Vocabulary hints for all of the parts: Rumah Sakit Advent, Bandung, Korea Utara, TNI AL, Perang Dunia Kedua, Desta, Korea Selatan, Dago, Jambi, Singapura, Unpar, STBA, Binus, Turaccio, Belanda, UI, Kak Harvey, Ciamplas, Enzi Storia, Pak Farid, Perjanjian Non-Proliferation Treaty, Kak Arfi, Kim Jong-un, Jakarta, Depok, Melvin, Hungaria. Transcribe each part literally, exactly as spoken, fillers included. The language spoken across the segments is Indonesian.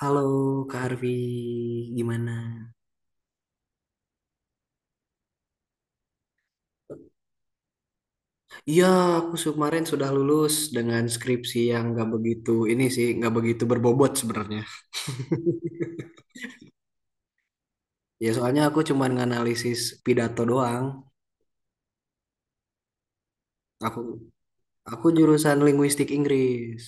Halo Kak Harvey, gimana? Iya, aku su- kemarin sudah lulus dengan skripsi yang nggak begitu ini sih, nggak begitu berbobot sebenarnya. Ya soalnya aku cuma nganalisis pidato doang. Aku aku jurusan linguistik Inggris.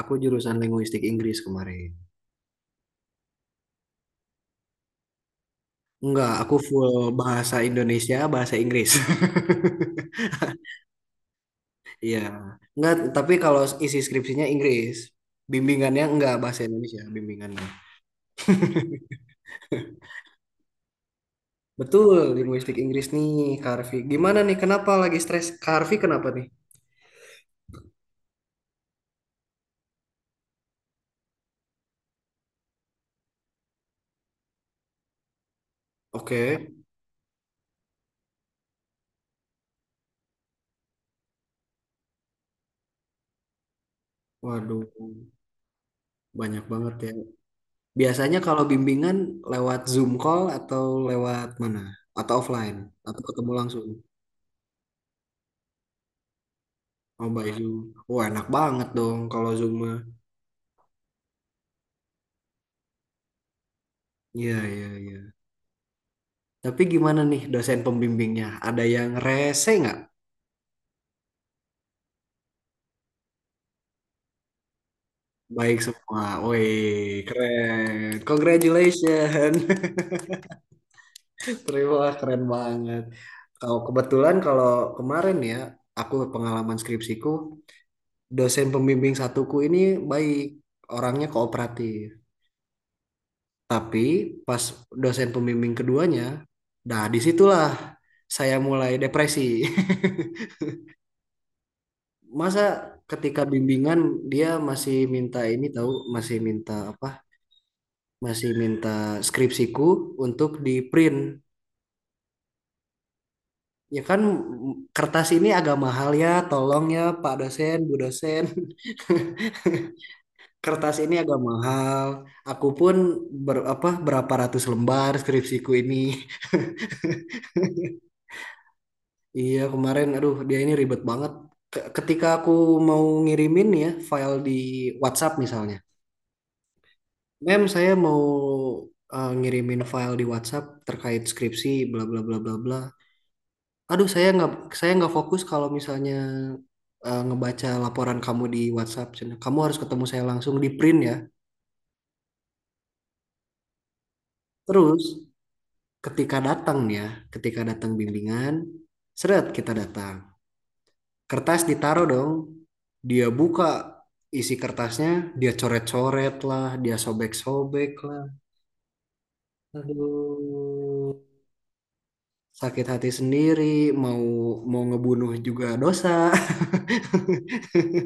Aku jurusan linguistik Inggris kemarin. Enggak, aku full bahasa Indonesia, bahasa Inggris. Iya. Enggak, tapi kalau isi skripsinya Inggris, bimbingannya enggak bahasa Indonesia, bimbingannya. Betul, linguistik Inggris nih, Kak Arfi. Gimana nih, kenapa lagi stres? Kak Arfi kenapa nih? Oke. Waduh, banyak banget ya. Biasanya kalau bimbingan lewat Zoom call atau lewat mana? Atau offline? Atau ketemu langsung? Oh, by Zoom. Wah, enak banget dong kalau Zoom mah. Iya, iya, iya. Tapi gimana nih dosen pembimbingnya? Ada yang rese nggak? Baik semua. Wih, keren. Congratulations. Terima, keren banget. Kalau kebetulan kalau kemarin ya, aku pengalaman skripsiku, dosen pembimbing satuku ini baik, orangnya kooperatif. Tapi pas dosen pembimbing keduanya, nah disitulah saya mulai depresi. Masa ketika bimbingan dia masih minta ini tahu, masih minta apa? Masih minta skripsiku untuk di print. Ya kan kertas ini agak mahal ya, tolong ya Pak dosen, Bu dosen. Kertas ini agak mahal. Aku pun ber, apa, berapa ratus lembar skripsiku ini. Iya, kemarin aduh dia ini ribet banget. Ke- Ketika aku mau ngirimin ya file di WhatsApp misalnya. Mem, saya mau eh, ngirimin file di WhatsApp terkait skripsi bla bla bla bla bla. Aduh, saya nggak saya nggak fokus kalau misalnya eh, ngebaca laporan kamu di WhatsApp. Cen. Kamu harus ketemu saya langsung di print ya. Terus ketika datang ya, ketika datang bimbingan, seret kita datang. Kertas ditaruh dong, dia buka isi kertasnya, dia coret-coret lah, dia sobek-sobek lah. Aduh, sakit hati sendiri, mau mau ngebunuh juga dosa.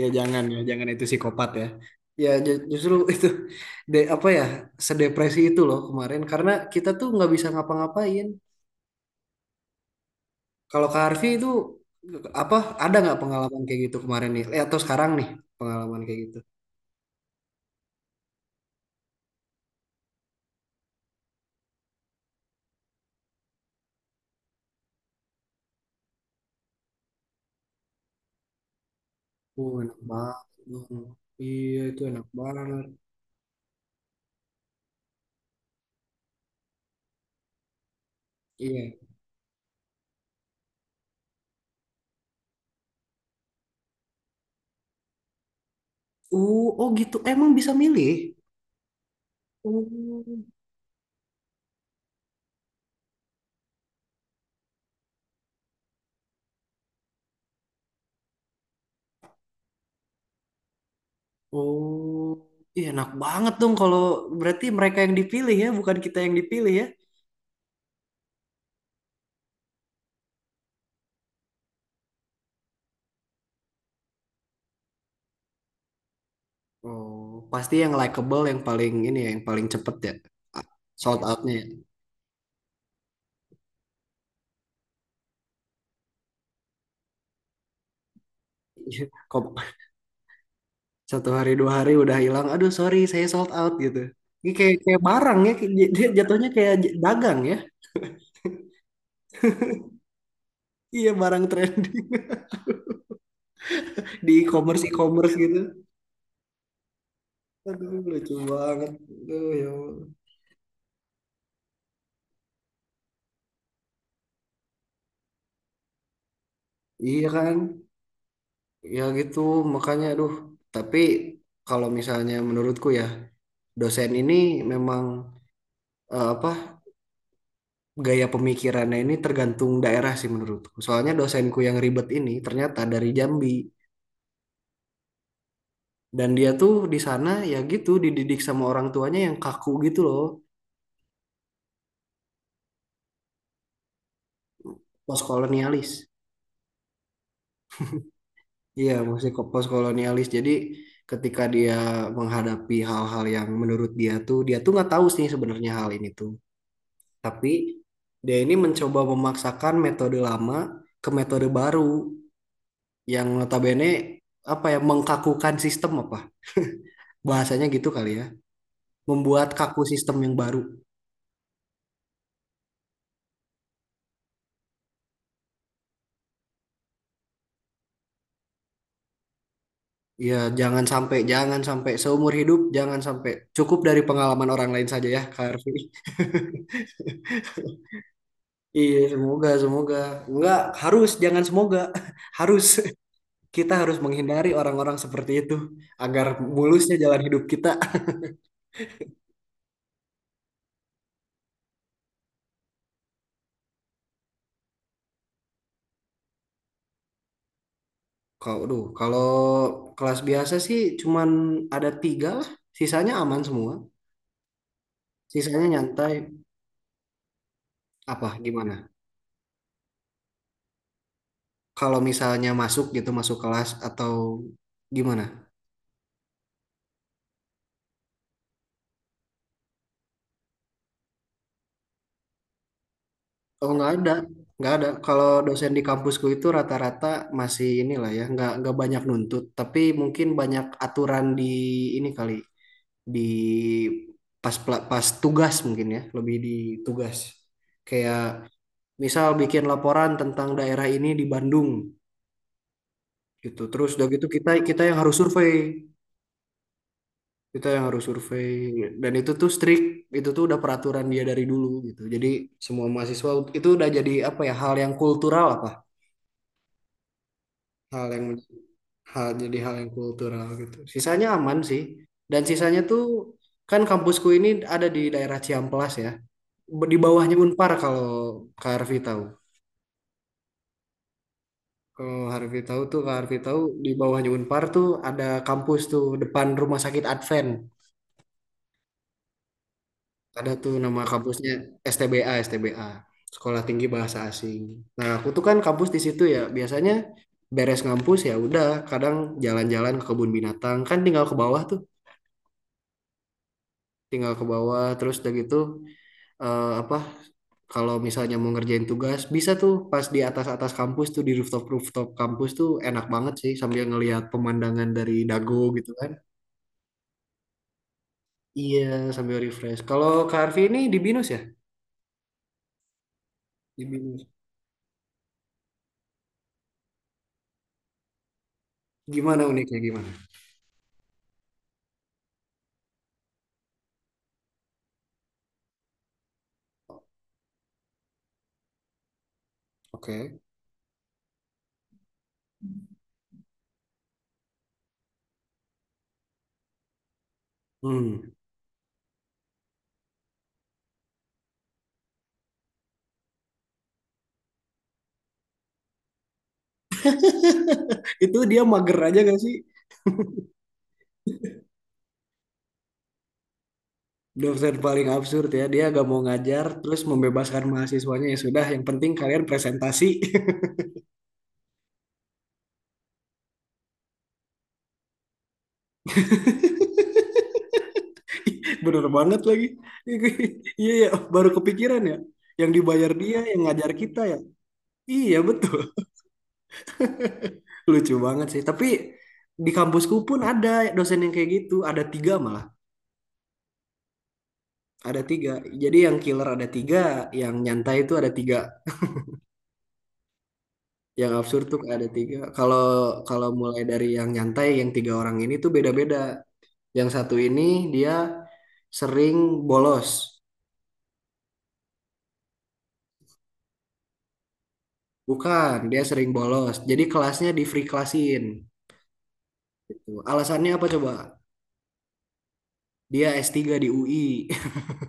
Ya jangan ya, jangan itu psikopat ya. Ya justru itu de apa ya sedepresi itu loh kemarin karena kita tuh nggak bisa ngapa-ngapain. Kalau Kak Harvey itu apa ada nggak pengalaman kayak gitu kemarin nih? Eh, atau sekarang nih pengalaman kayak gitu? Uh, enak banget. Bang. Iya itu enak banget. Iya. Uh, oh gitu. Emang bisa milih? Oh. Oh. Iya enak banget dong kalau berarti mereka yang dipilih ya, bukan kita yang dipilih ya. Oh, pasti yang likable yang paling ini ya, yang paling cepet ya. Sold outnya ya. Kok satu hari dua hari udah hilang aduh sorry saya sold out gitu ini kayak kayak barang ya kayak- dia dia jatuhnya kayak j- dagang ya iya barang trending di e-commerce e-commerce gitu aduh lucu banget aduh ya Allah. Iya kan ya gitu makanya aduh tapi kalau misalnya menurutku ya dosen ini memang eh, apa gaya pemikirannya ini tergantung daerah sih menurutku soalnya dosenku yang ribet ini ternyata dari Jambi. Dan dia tuh di sana ya gitu dididik sama orang tuanya yang kaku gitu loh, postkolonialis. Iya, masih kok postkolonialis. Jadi ketika dia menghadapi hal-hal yang menurut dia tuh dia tuh nggak tahu sih sebenarnya hal ini tuh. Tapi dia ini mencoba memaksakan metode lama ke metode baru yang notabene apa ya mengkakukan sistem apa bahasanya gitu kali ya, membuat kaku sistem yang baru. Ya, jangan sampai, jangan sampai seumur hidup, jangan sampai cukup dari pengalaman orang lain saja ya, Kak Arfi. Iya, semoga, semoga. Enggak, harus, jangan semoga. Harus. Kita harus menghindari orang-orang seperti itu agar mulusnya jalan hidup kita. Kalau, aduh, kalau kelas biasa sih cuman ada tiga lah. Sisanya aman semua. Sisanya nyantai. Apa, gimana? Kalau misalnya masuk gitu, masuk kelas atau gimana? Oh nggak ada, nggak ada. Kalau dosen di kampusku itu rata-rata masih inilah ya, nggak nggak banyak nuntut, tapi mungkin banyak aturan di ini kali di pas pla- pas tugas mungkin ya, lebih di tugas. Kayak misal bikin laporan tentang daerah ini di Bandung gitu. Terus udah gitu kita kita yang harus survei, kita yang harus survei dan itu tuh strict, itu tuh udah peraturan dia dari dulu gitu. Jadi semua mahasiswa itu udah jadi apa ya hal yang kultural apa? hal yang hal jadi Hal yang kultural gitu. Sisanya aman sih. Dan sisanya tuh kan kampusku ini ada di daerah Ciamplas ya. Di bawahnya Unpar kalau Kak Harfi tahu. Kalau Harfi tahu tuh Kak Harfi tahu di bawahnya Unpar tuh ada kampus tuh depan Rumah Sakit Advent. Ada tuh nama kampusnya S T B A, S T B A. Sekolah Tinggi Bahasa Asing. Nah, aku tuh kan kampus di situ ya. Biasanya beres ngampus ya udah kadang jalan-jalan ke kebun binatang kan tinggal ke bawah tuh tinggal ke bawah terus udah gitu eh, apa kalau misalnya mau ngerjain tugas bisa tuh pas di atas-atas kampus tuh di rooftop-rooftop kampus tuh enak banget sih sambil ngelihat pemandangan dari dago gitu kan. Iya, sambil refresh. Kalau Kak Arfi ini di Binus ya? Di Binus. Gimana uniknya gimana? Oke. Hmm. Itu dia mager aja gak sih? Dosen paling absurd ya. Dia gak mau ngajar terus membebaskan mahasiswanya ya sudah yang penting kalian presentasi. Bener banget lagi. Iya ya, baru kepikiran ya. Yang dibayar dia, yang ngajar kita ya. Iya betul. Lucu banget sih. Tapi di kampusku pun ada dosen yang kayak gitu. Ada tiga malah. Ada tiga. Jadi yang killer ada tiga, yang nyantai itu ada tiga. Yang absurd tuh ada tiga. Kalau kalau mulai dari yang nyantai, yang tiga orang ini tuh beda-beda. Yang satu ini dia sering bolos. Bukan, dia sering bolos. Jadi kelasnya di free classin. Alasannya apa coba? Dia s tiga di U I,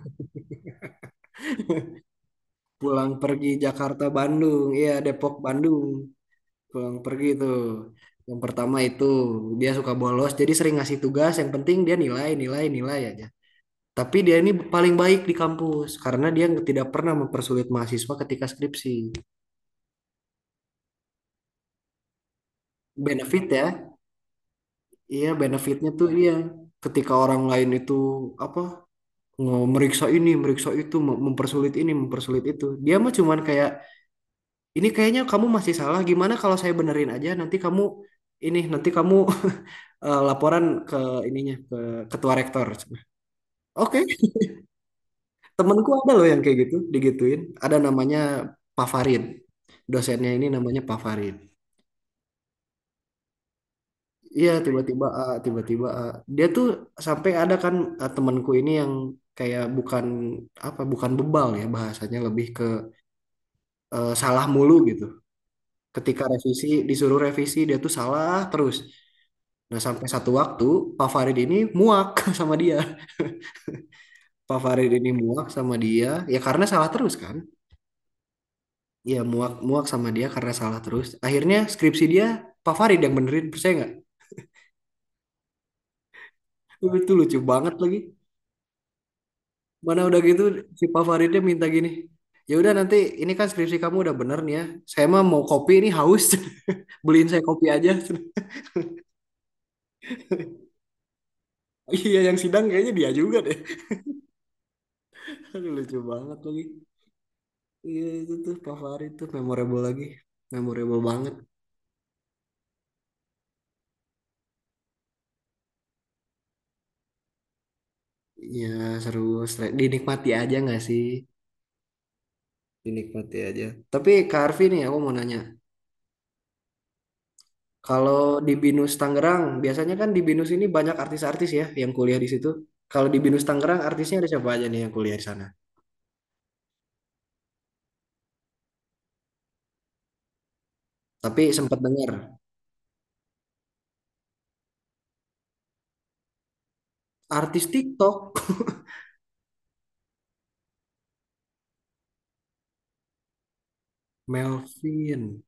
pulang pergi Jakarta Bandung, iya Depok Bandung, pulang pergi tuh. Yang pertama itu dia suka bolos, jadi sering ngasih tugas. Yang penting dia nilai, nilai, nilai aja. Tapi dia ini paling baik di kampus karena dia tidak pernah mempersulit mahasiswa ketika skripsi. Benefit ya, iya benefitnya tuh dia ketika orang lain itu apa nge- meriksa ini, meriksa itu, mem- mempersulit ini, mempersulit itu. Dia mah cuman kayak Ini kayaknya kamu masih salah. Gimana kalau saya benerin aja? Nanti kamu ini, nanti kamu eh, laporan ke ininya ke ketua rektor. Oke, temanku ada loh yang kayak gitu, digituin. Ada namanya Pak Farid. Dosennya ini namanya Pak Farid. Iya, tiba-tiba ah, tiba-tiba ah. Dia tuh sampai ada kan ah, temanku ini yang kayak bukan apa, bukan bebal ya bahasanya lebih ke eh, salah mulu gitu. Ketika revisi disuruh revisi dia tuh salah terus. Nah, sampai satu waktu Pak Farid ini muak sama dia. Pak Farid ini muak sama dia, ya karena salah terus kan? Ya muak muak sama dia karena salah terus. Akhirnya skripsi dia Pak Farid yang benerin, percaya nggak? Itu lucu banget lagi. Mana udah gitu si Pak Faridnya minta gini. Ya udah nanti ini kan skripsi kamu udah bener nih ya. Saya mah mau kopi ini haus. Beliin saya kopi aja. Iya yang sidang kayaknya dia juga deh. Lucu banget lagi. Iya itu tuh Pak Farid tuh memorable lagi. Memorable banget. Iya seru, stre- dinikmati aja nggak sih? Dinikmati aja. Tapi Kak Arfi nih aku mau nanya, kalau di BINUS Tangerang, biasanya kan di BINUS ini banyak artis-artis ya yang kuliah di situ. Kalau di BINUS Tangerang artisnya ada siapa aja nih yang kuliah di sana? Tapi sempat dengar artis TikTok. Melvin.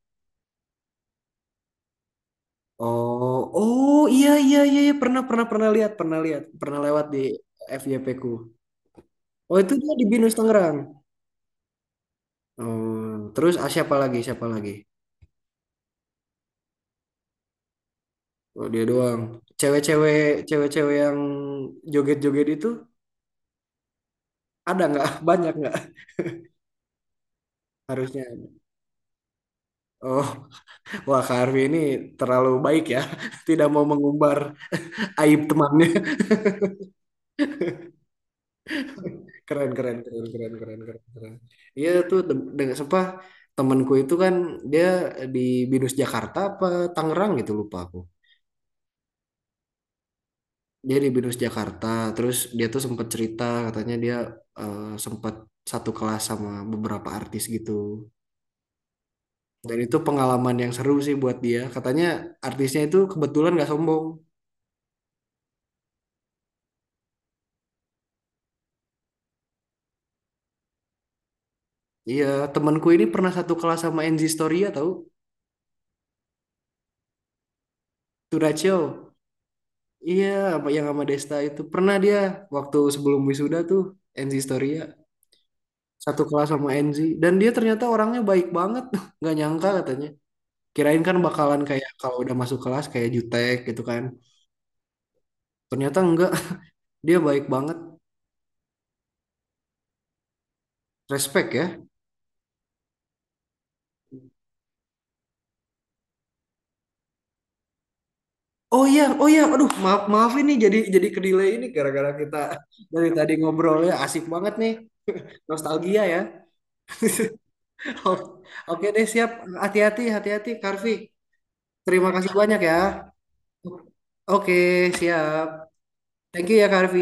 Oh, oh iya iya iya iya. pernah pernah Pernah lihat pernah lihat pernah lewat di FYP ku. Oh itu dia di BINUS Tangerang. Oh, terus ah, siapa lagi siapa lagi? Oh, dia doang. Cewek-cewek, cewek-cewek yang joget-joget itu ada nggak? Banyak nggak? Harusnya ada. Oh, wah Kak Arfi ini terlalu baik ya. Tidak mau mengumbar aib temannya. Keren, keren, keren, keren, keren, keren, keren. Iya tuh de- dengan apa temanku itu kan dia di Binus Jakarta apa Tangerang gitu lupa aku. Dia di Binus Jakarta, terus dia tuh sempat cerita katanya dia eh, sempat satu kelas sama beberapa artis gitu. Dan itu pengalaman yang seru sih buat dia. Katanya artisnya itu kebetulan gak sombong. Iya, temanku ini pernah satu kelas sama Enzi Storia tahu? Turaccio. Iya, apa yang sama Desta itu pernah dia waktu sebelum wisuda tuh Enzi Storia satu kelas sama Enzi dan dia ternyata orangnya baik banget. Nggak nyangka katanya. Kirain kan bakalan kayak kalau udah masuk kelas kayak jutek gitu kan. Ternyata enggak. Dia baik banget. Respect ya. Oh iya, oh iya, aduh maaf maaf ini jadi jadi kedelay ini gara-gara kita dari tadi ngobrolnya asik banget nih, nostalgia ya. O- Oke deh siap, hati-hati hati-hati Karvi. Terima kasih banyak ya. Oke siap, thank you ya Karvi.